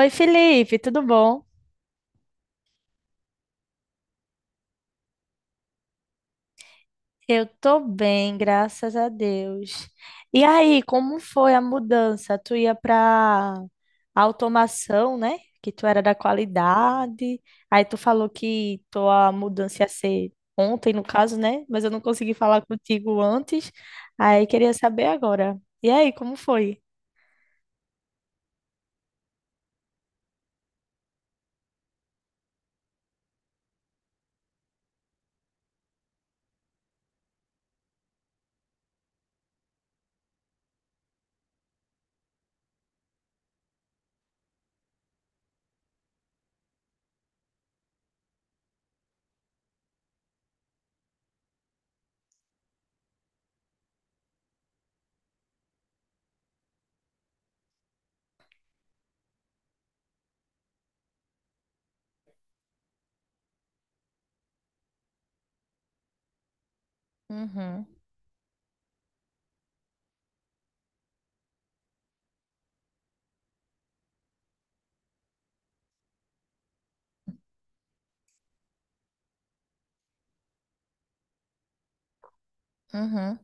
Oi, Felipe, tudo bom? Eu tô bem, graças a Deus. E aí, como foi a mudança? Tu ia para automação, né? Que tu era da qualidade. Aí tu falou que tua mudança ia ser ontem, no caso, né? Mas eu não consegui falar contigo antes. Aí queria saber agora. E aí, como foi? Uhum, uhum.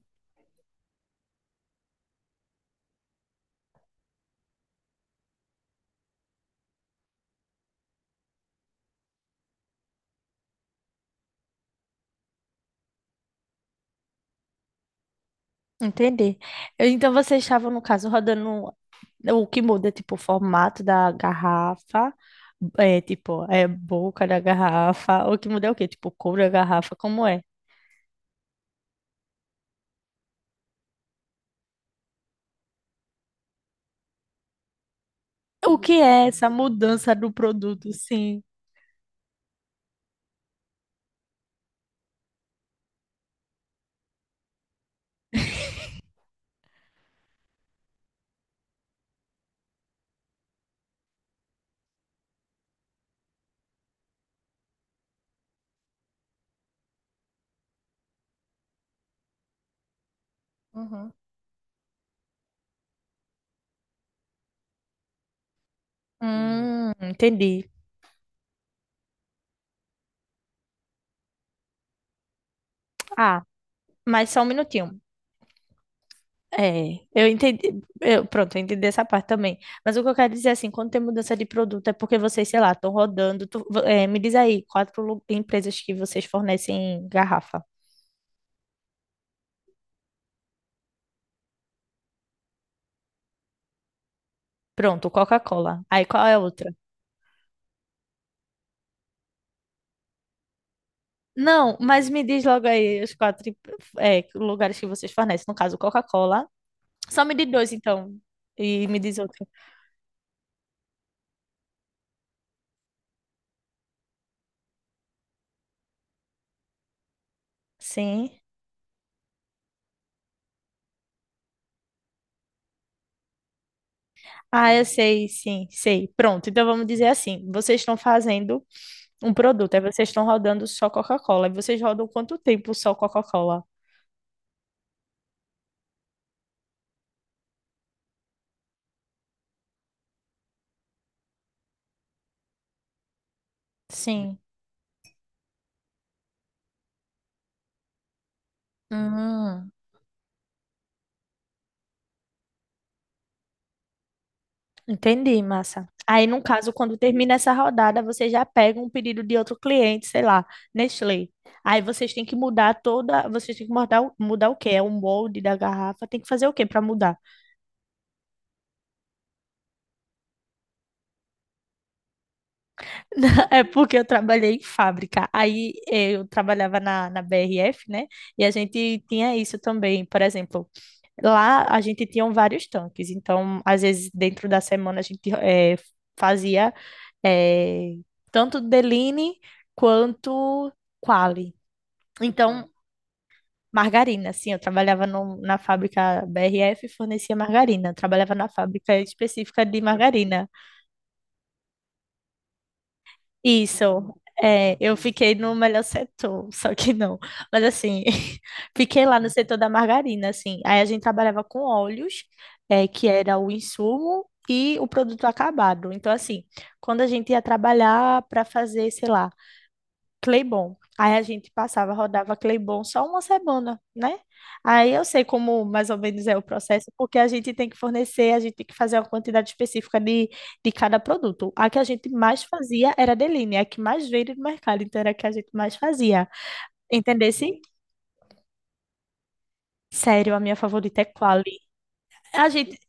Entendi. Então vocês estavam, no caso, rodando. O que muda é, tipo, o formato da garrafa, é, tipo, é boca da garrafa. O que muda é o quê? Tipo, cor da garrafa, como é? O que é essa mudança do produto, sim? Uhum. Entendi. Ah, mas só um minutinho. É, eu entendi. Pronto, eu entendi essa parte também. Mas o que eu quero dizer é assim, quando tem mudança de produto é porque vocês, sei lá, estão rodando. Me diz aí, quatro empresas que vocês fornecem garrafa. Pronto, Coca-Cola. Aí qual é a outra? Não, mas me diz logo aí os quatro, lugares que vocês fornecem. No caso, Coca-Cola. Só me diz dois, então. E me diz outro. Sim. Ah, eu sei, sim, sei. Pronto, então vamos dizer assim: vocês estão fazendo. Um produto, aí vocês estão rodando só Coca-Cola. E vocês rodam quanto tempo só Coca-Cola? Sim. Hum, entendi, massa. Aí, no caso, quando termina essa rodada, vocês já pegam um pedido de outro cliente, sei lá, Nestlé. Aí vocês têm que mudar toda. Vocês têm que mudar, mudar o quê? É o molde da garrafa. Tem que fazer o quê para mudar? É porque eu trabalhei em fábrica. Aí eu trabalhava na BRF, né? E a gente tinha isso também. Por exemplo, lá a gente tinha um vários tanques, então às vezes dentro da semana a gente fazia eh, tanto Deline quanto Quali. Então, margarina, sim, eu trabalhava na fábrica BRF e fornecia margarina, eu trabalhava na fábrica específica de margarina. Isso, é, eu fiquei no melhor setor, só que não. Mas assim, fiquei lá no setor da margarina, assim. Aí a gente trabalhava com óleos, é, que era o insumo e o produto acabado. Então, assim, quando a gente ia trabalhar para fazer, sei lá, Claybon. Aí a gente passava, rodava Claybon só uma semana, né? Aí eu sei como mais ou menos é o processo, porque a gente tem que fornecer, a gente tem que fazer uma quantidade específica de cada produto. A que a gente mais fazia era a Deline, a que mais veio do mercado, então era a que a gente mais fazia. Entendesse? Sério, a minha favorita é Quali. A gente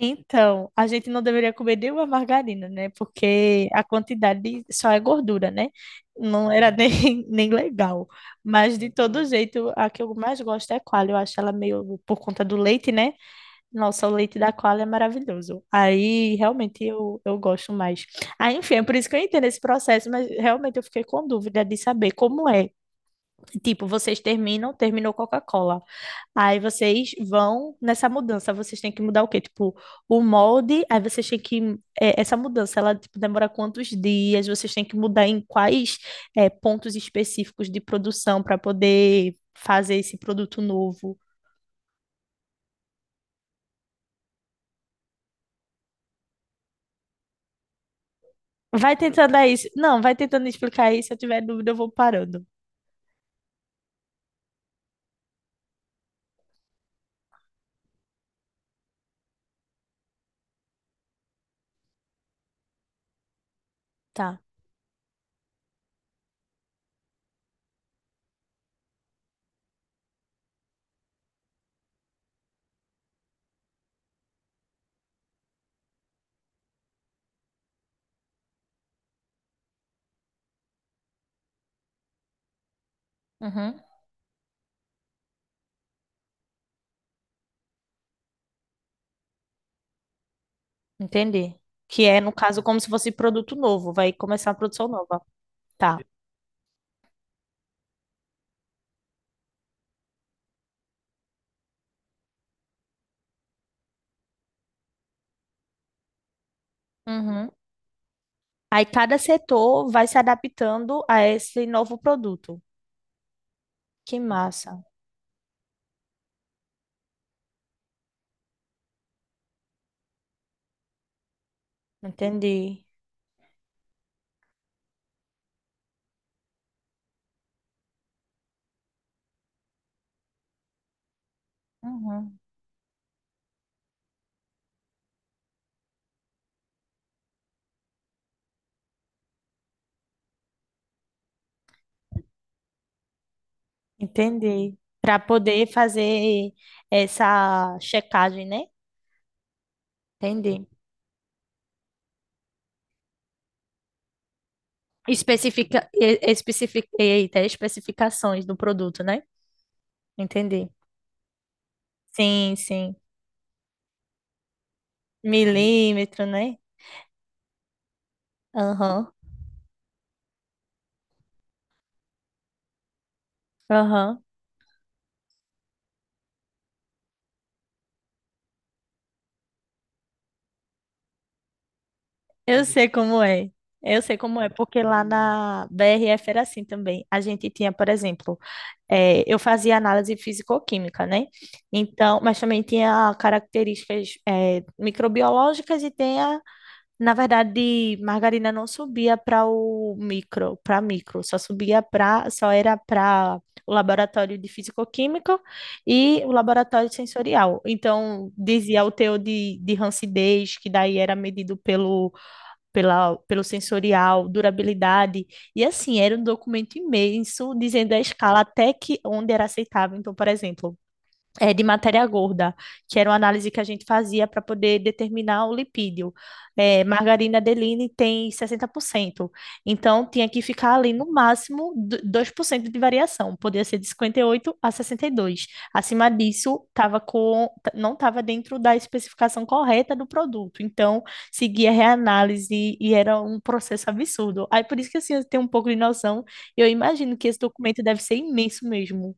então, a gente não deveria comer nenhuma margarina, né? Porque a quantidade só é gordura, né? Não era nem, nem legal. Mas, de todo jeito, a que eu mais gosto é a Qualy. Eu acho ela meio por conta do leite, né? Nossa, o leite da Qualy é maravilhoso. Aí, realmente, eu gosto mais. Aí, enfim, é por isso que eu entendo esse processo, mas realmente eu fiquei com dúvida de saber como é. Tipo, vocês terminam, terminou Coca-Cola. Aí vocês vão nessa mudança, vocês têm que mudar o quê? Tipo, o molde, aí vocês têm que. É, essa mudança, ela tipo, demora quantos dias? Vocês têm que mudar em quais é, pontos específicos de produção para poder fazer esse produto novo. Vai tentando aí. Não, vai tentando explicar aí. Se eu tiver dúvida, eu vou parando. Tá. Uhum. Entendi. Que é, no caso, como se fosse produto novo, vai começar a produção nova. Tá. Uhum. Aí cada setor vai se adaptando a esse novo produto. Que massa. Entendi. Uhum. Entendi. Para poder fazer essa checagem, né? Entendi. Especifica, e- especific, eita, Especificações do produto, né? Entendi. Sim, sim. Milímetro, né? Aham, aham. Eu sei como é. Eu sei como é, porque lá na BRF era assim também. A gente tinha, por exemplo, eu fazia análise físico-química, né? Então, mas também tinha características, microbiológicas e tinha, na verdade, margarina não subia para o micro, para micro, só subia para, só era para o laboratório de físico-química e o laboratório sensorial. Então, dizia o teor de rancidez, que daí era medido pelo sensorial, durabilidade. E assim, era um documento imenso, dizendo a escala até que onde era aceitável. Então, por exemplo, é, de matéria gorda, que era uma análise que a gente fazia para poder determinar o lipídio. É, margarina Adeline tem 60%, então tinha que ficar ali no máximo 2% de variação, podia ser de 58 a 62. Acima disso, tava com, não estava dentro da especificação correta do produto, então seguia reanálise e era um processo absurdo. Aí por isso que assim, eu tenho um pouco de noção, eu imagino que esse documento deve ser imenso mesmo.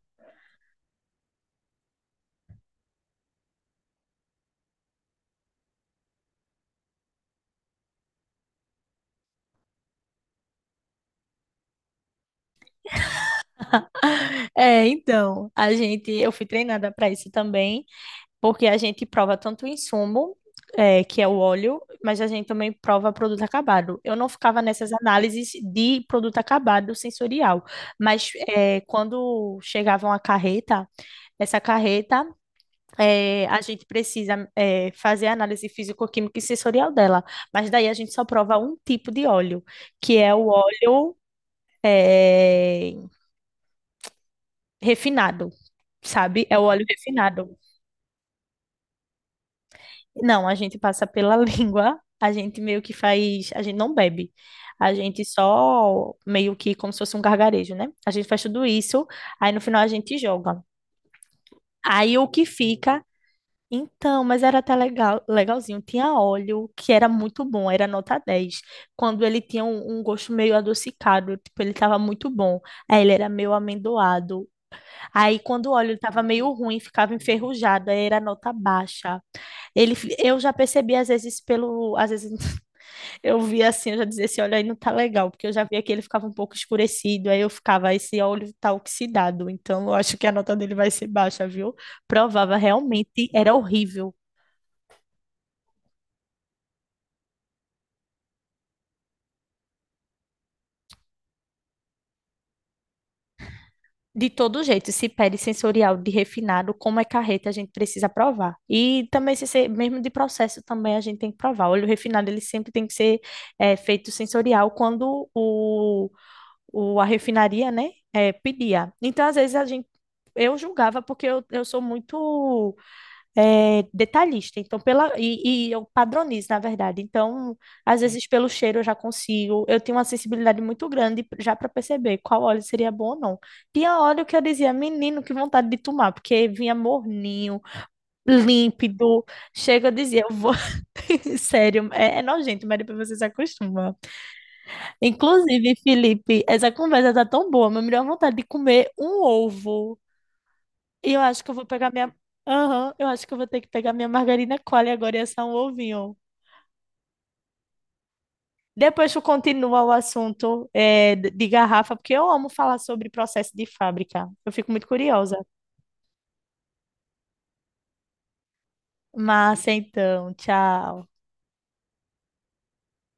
É, então, a gente, eu fui treinada para isso também, porque a gente prova tanto o insumo, é, que é o óleo, mas a gente também prova produto acabado. Eu não ficava nessas análises de produto acabado sensorial, mas é, quando chegava uma carreta, essa carreta, é, a gente precisa é, fazer a análise físico-química e sensorial dela, mas daí a gente só prova um tipo de óleo, que é o óleo é, refinado. Sabe? É o óleo refinado. Não, a gente passa pela língua, a gente meio que faz, a gente não bebe, a gente só meio que como se fosse um gargarejo, né? A gente faz tudo isso, aí no final a gente joga. Aí o que fica, então, mas era até legal, legalzinho, tinha óleo, que era muito bom, era nota 10. Quando ele tinha um, um gosto meio adocicado, tipo, ele tava muito bom, aí ele era meio amendoado. Aí, quando o óleo estava meio ruim, ficava enferrujado, aí era nota baixa. Ele, eu já percebi, às vezes, pelo. Às vezes eu via assim, eu já dizia, esse óleo aí não tá legal, porque eu já via que ele ficava um pouco escurecido, aí eu ficava, esse óleo tá oxidado, então eu acho que a nota dele vai ser baixa, viu? Provava, realmente era horrível. De todo jeito, se pede sensorial de refinado, como é carreta, a gente precisa provar. E também, se ser, mesmo de processo, também a gente tem que provar. O óleo refinado, ele sempre tem que ser é, feito sensorial quando a refinaria, né, é, pedia. Então, às vezes, a gente, eu julgava, porque eu sou muito é, detalhista, então pela e eu padronizo, na verdade. Então, às vezes pelo cheiro eu já consigo. Eu tenho uma sensibilidade muito grande já para perceber qual óleo seria bom ou não. Tinha óleo que eu dizia, menino, que vontade de tomar, porque vinha morninho, límpido. Chega, eu dizia, eu vou. Sério, é nojento, mas depois você se acostuma. Inclusive, Felipe, essa conversa tá tão boa, mas me deu vontade de comer um ovo. E eu acho que eu vou pegar minha. Aham, eu acho que eu vou ter que pegar minha margarina Qualy agora e assar um ovinho. Depois tu continua o assunto é, de garrafa, porque eu amo falar sobre processo de fábrica. Eu fico muito curiosa. Massa, então, tchau.